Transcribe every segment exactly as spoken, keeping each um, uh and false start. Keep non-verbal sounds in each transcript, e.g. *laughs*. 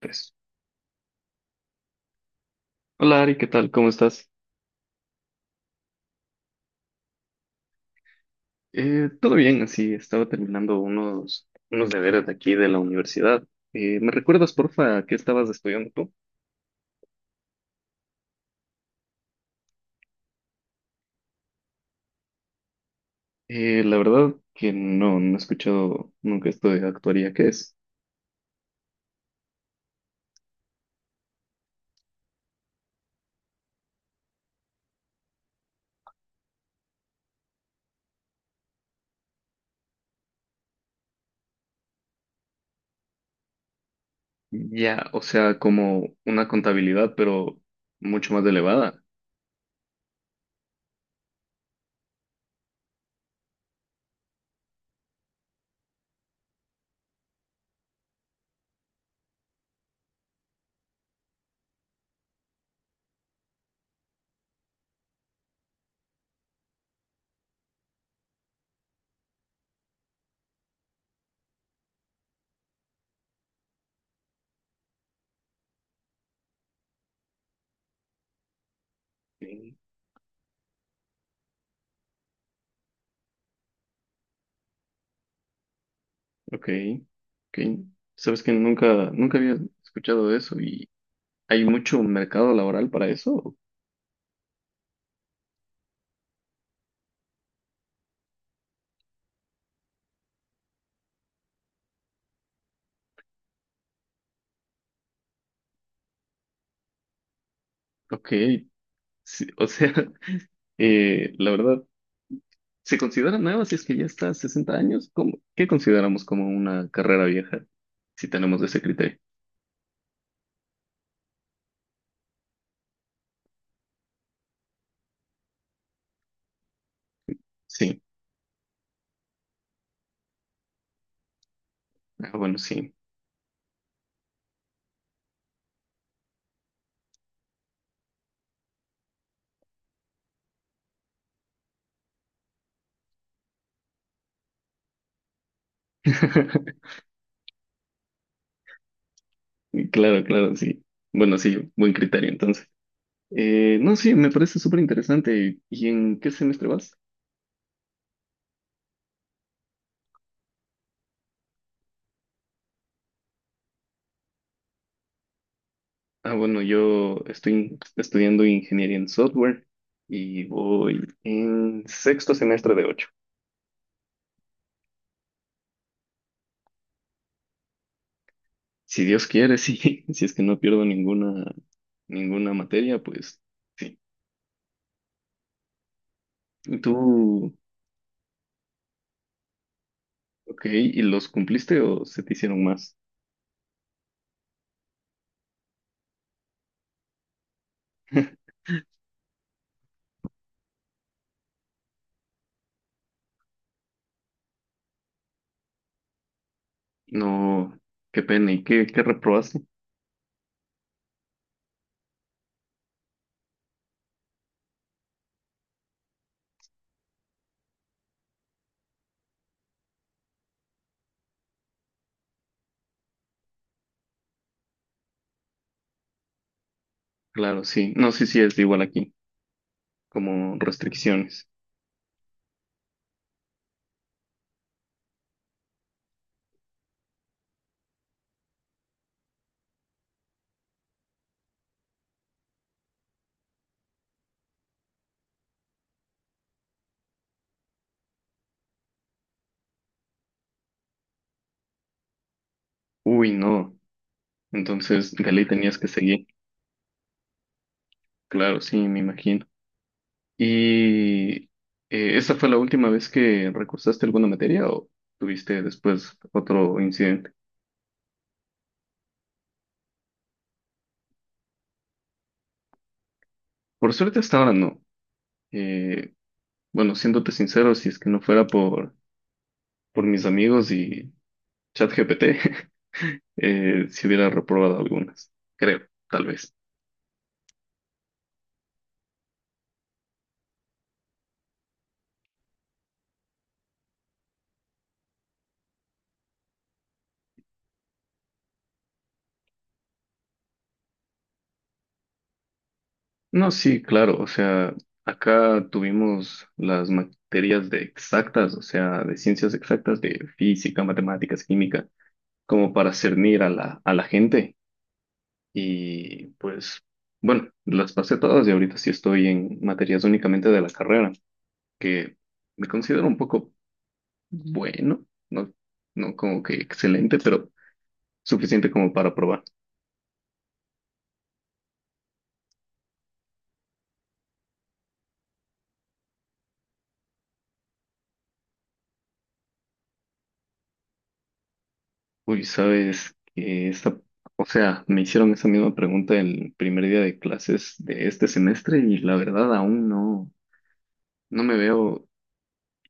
Pues, hola Ari, ¿qué tal? ¿Cómo estás? Eh, todo bien, así estaba terminando unos, unos deberes de aquí de la universidad. Eh, ¿me recuerdas, porfa, qué estabas estudiando tú? Eh, la verdad que no, no he escuchado nunca esto de actuaría, ¿qué es? Ya, o sea, como una contabilidad, pero mucho más elevada. Sí. Ok, ok. Sabes que nunca, nunca había escuchado de eso y ¿hay mucho mercado laboral para eso? Ok, sí, o sea, *laughs* eh, la verdad. ¿Se considera nueva si es que ya está a sesenta años? ¿Cómo- Qué consideramos como una carrera vieja? Si tenemos ese criterio. Sí. Ah, bueno, sí. *laughs* Claro, claro, sí. Bueno, sí, buen criterio entonces. Eh, no, sí, me parece súper interesante. ¿Y en qué semestre vas? Ah, bueno, yo estoy estudiando ingeniería en software y voy en sexto semestre de ocho. Si Dios quiere, sí. *laughs* Si es que no pierdo ninguna, ninguna materia, pues sí. ¿Y ¿Tú Ok, ¿y los cumpliste o se te hicieron más? *laughs* No, qué pena. ¿Y qué, qué reprobaste? Claro, sí. No, sí, sí, es igual aquí, como restricciones. Uy, no. Entonces, de ley tenías que seguir. Claro, sí, me imagino. ¿Y eh, esa fue la última vez que recursaste alguna materia o tuviste después otro incidente? Por suerte hasta ahora no. Eh, bueno, siéndote sincero, si es que no fuera por, por, mis amigos y ChatGPT, *laughs* eh, si hubiera reprobado algunas, creo, tal vez. No, sí, claro, o sea, acá tuvimos las materias de exactas, o sea, de ciencias exactas, de física, matemáticas, química, como para cernir a la, a la gente. Y pues, bueno, las pasé todas y ahorita sí estoy en materias únicamente de la carrera, que me considero un poco bueno, no, no como que excelente, pero suficiente como para probar. Uy, sabes que esta, o sea, me hicieron esa misma pregunta el primer día de clases de este semestre y la verdad aún no, no me veo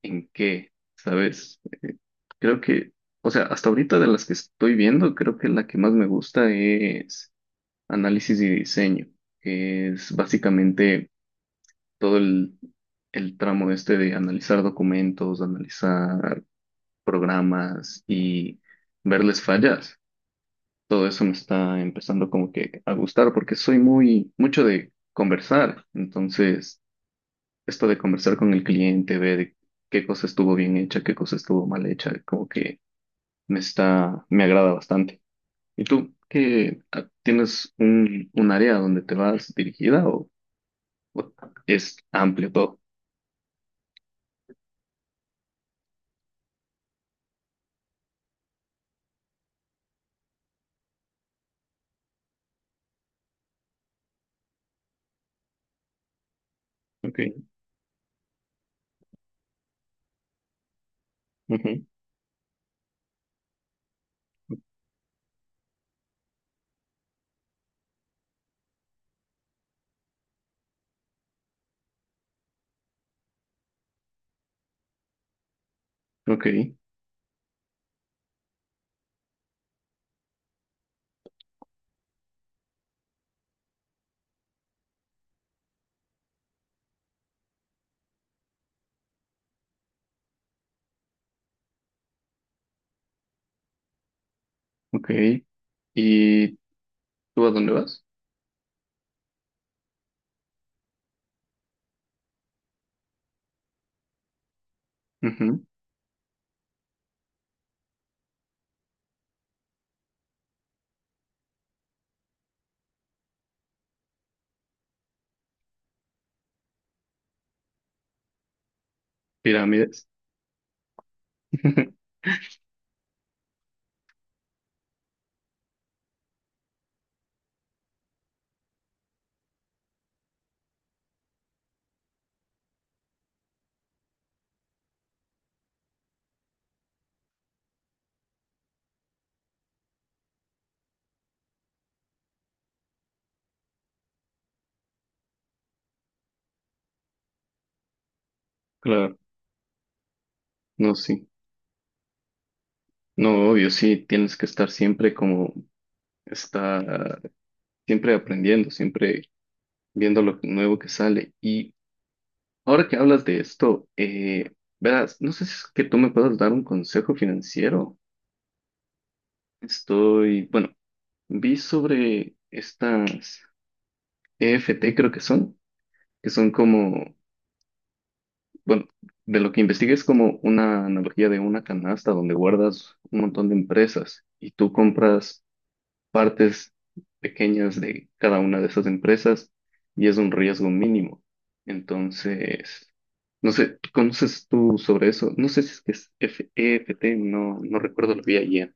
en qué, ¿sabes? Eh, creo que, o sea, hasta ahorita de las que estoy viendo, creo que la que más me gusta es análisis y diseño, que es básicamente todo el, el tramo este de analizar documentos, analizar programas y verles fallas. Todo eso me está empezando como que a gustar porque soy muy mucho de conversar. Entonces, esto de conversar con el cliente, ver qué cosa estuvo bien hecha, qué cosa estuvo mal hecha, como que me está, me agrada bastante. ¿Y tú qué ah, tienes un, un área donde te vas dirigida o, o es amplio todo? Ok, ujú, ok, ok. ¿Y tú a dónde vas? Ujú, Pirámides. *laughs* Claro, no, sí. No, obvio, sí, tienes que estar siempre como está, siempre aprendiendo, siempre viendo lo nuevo que sale. Y ahora que hablas de esto, eh, verás, no sé si es que tú me puedas dar un consejo financiero. Estoy, bueno, vi sobre estas E F T, creo que son, que son como, bueno, de lo que investigué es como una analogía de una canasta donde guardas un montón de empresas y tú compras partes pequeñas de cada una de esas empresas y es un riesgo mínimo. Entonces, no sé, ¿tú ¿conoces tú sobre eso? No sé si es que es F- E F T, no, no recuerdo, lo vi ayer.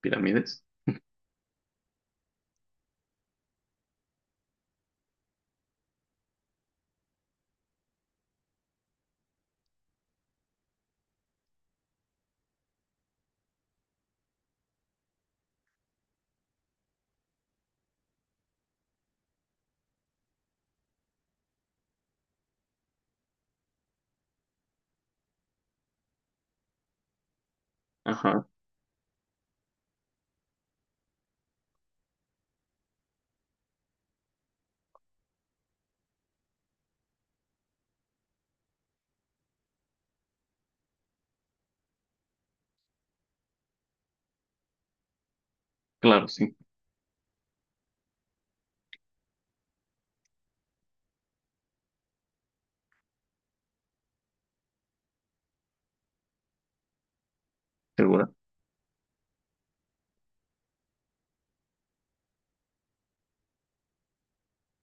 ¿Pirámides? Ajá, claro, sí, segura.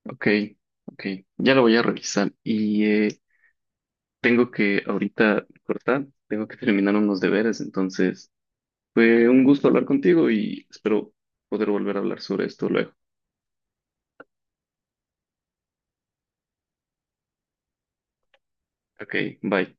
Ok, ok, ya lo voy a revisar y eh, tengo que ahorita cortar, tengo que terminar unos deberes, entonces fue un gusto hablar contigo y espero poder volver a hablar sobre esto luego. Ok, bye.